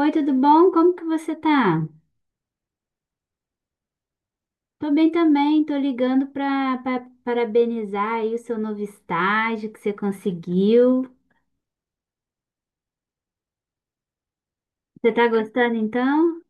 Oi, tudo bom? Como que você tá? Tô bem também, tô ligando parabenizar aí o seu novo estágio que você conseguiu. Você tá gostando então?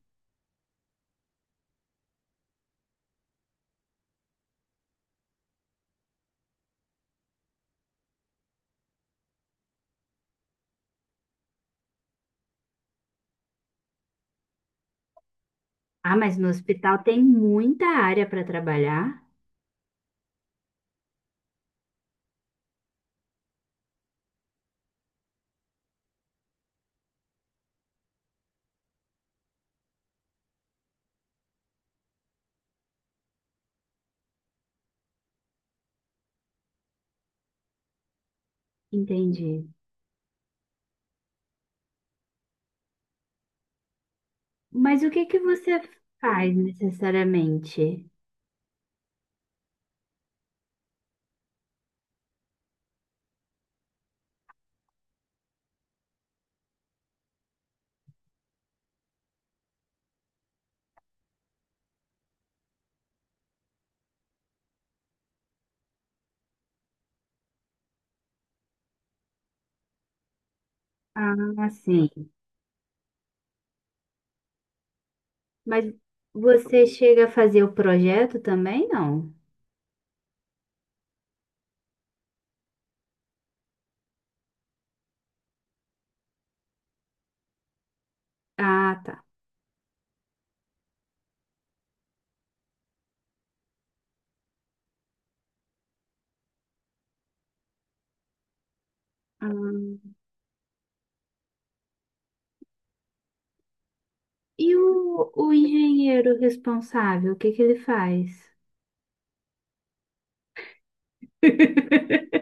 Ah, mas no hospital tem muita área para trabalhar. Entendi. Mas o que que você faz necessariamente? Ah, sim. Mas você chega a fazer o projeto também, não? Ah, tá. Ah. E o engenheiro responsável, o que que ele faz?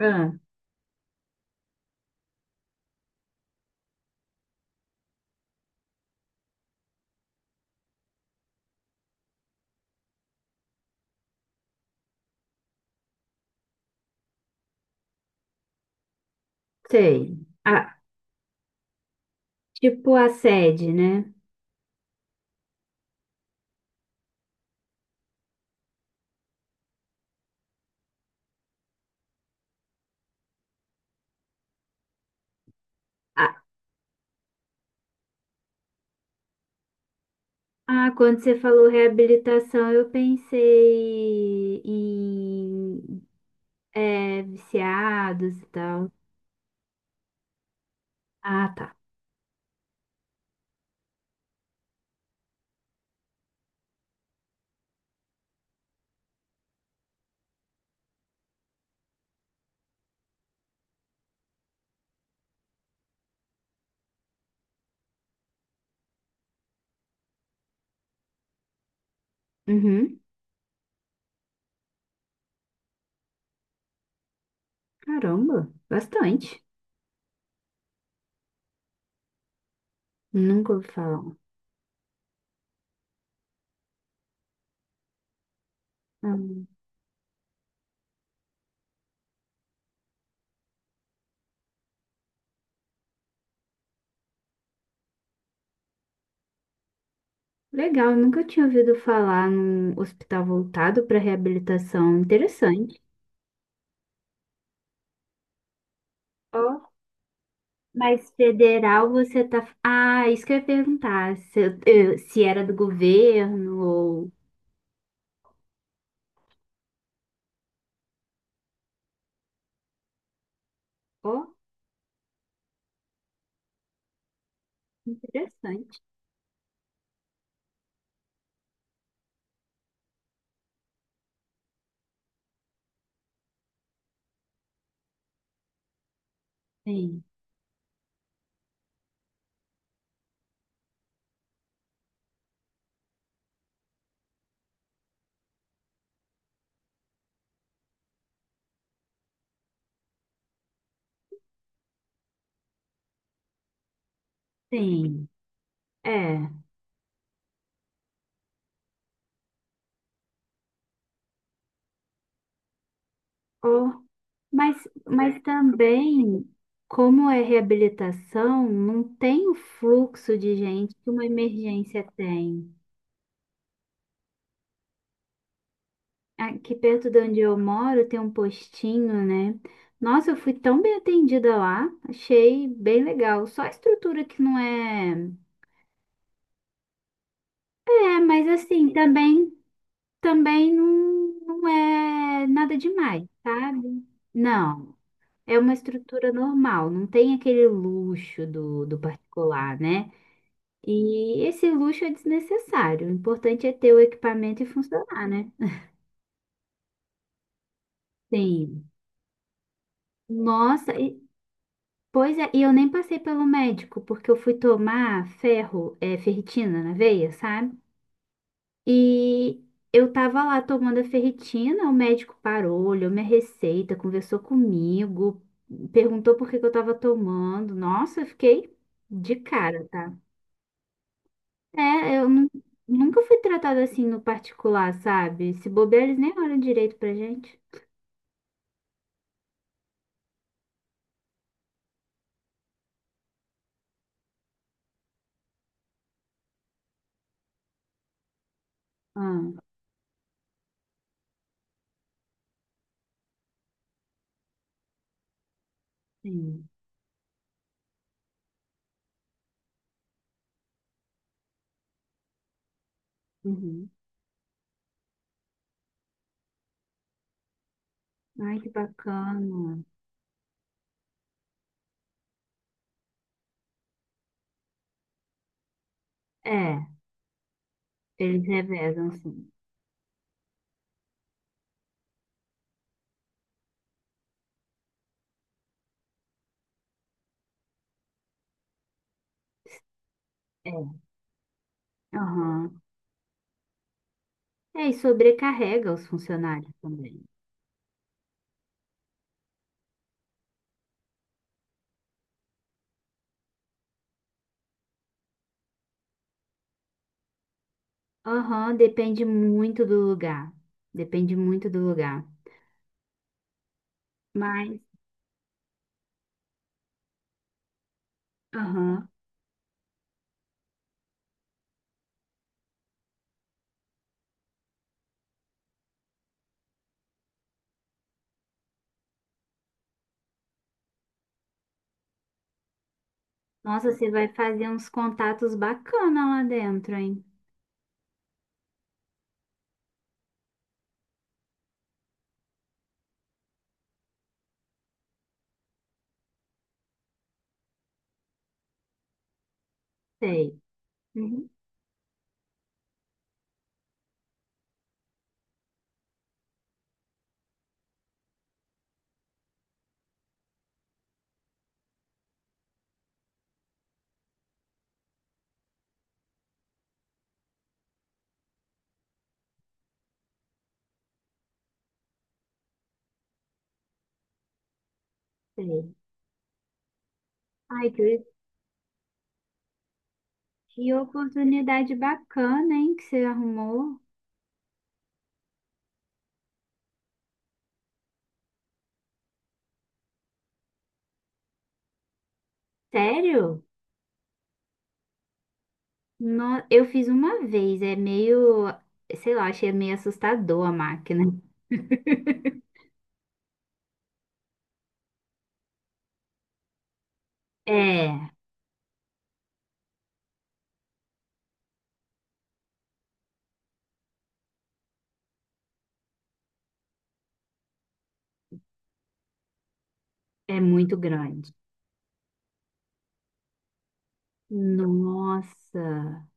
Ah, sei. Ah, tipo a sede, né? Ah, ah, quando você falou reabilitação, eu pensei em é, viciados e tal. Ah, tá. Uhum. Caramba, bastante. Nunca ouvi falar. Ah, legal, nunca tinha ouvido falar num hospital voltado para reabilitação. Interessante. Ó, mas federal você tá. Ah, isso que eu ia perguntar. Se, se era do governo ou. Ó. Interessante. Sim, sim. É. Ou, mas também, como é reabilitação, não tem o fluxo de gente que uma emergência tem. Aqui perto de onde eu moro tem um postinho, né? Nossa, eu fui tão bem atendida lá, achei bem legal. Só a estrutura que não é. É, mas assim, também, também não, não é nada demais, sabe? Não. É uma estrutura normal, não tem aquele luxo do particular, né? E esse luxo é desnecessário. O importante é ter o equipamento e funcionar, né? Sim. Nossa, pois é, e eu nem passei pelo médico, porque eu fui tomar ferro, é, ferritina na veia, sabe? E eu tava lá tomando a ferritina, o médico parou, olhou minha receita, conversou comigo, perguntou por que que eu tava tomando. Nossa, eu fiquei de cara, tá? É, nunca fui tratada assim no particular, sabe? Se bobear, eles nem olham direito pra gente. Ah, sim. Uhum. Ai, que bacana. É, eles revezam assim. É. Aham. É, e sobrecarrega os funcionários também. Aham, depende muito do lugar. Depende muito do lugar. Mas, aham. Nossa, você vai fazer uns contatos bacana lá dentro, hein? Sei. Uhum, sei. Ai, que. Que oportunidade bacana, hein, que você arrumou. Sério? No- eu fiz uma vez, é meio, sei lá, achei meio assustador a máquina. É, é muito grande. Nossa,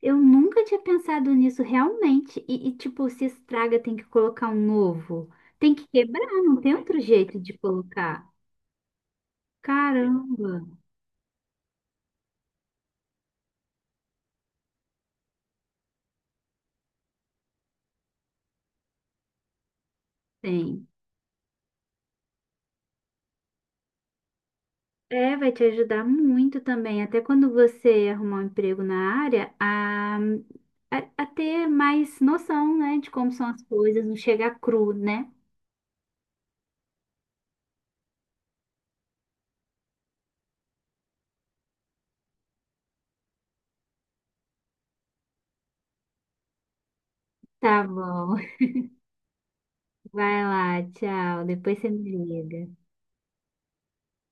eu nunca tinha pensado nisso realmente. E, tipo, se estraga, tem que colocar um novo. Tem que quebrar, não tem outro jeito de colocar. Caramba, tem. É, vai te ajudar muito também, até quando você arrumar um emprego na área, a ter mais noção, né, de como são as coisas, não chegar cru, né? Tá bom. Vai lá, tchau. Depois você me liga.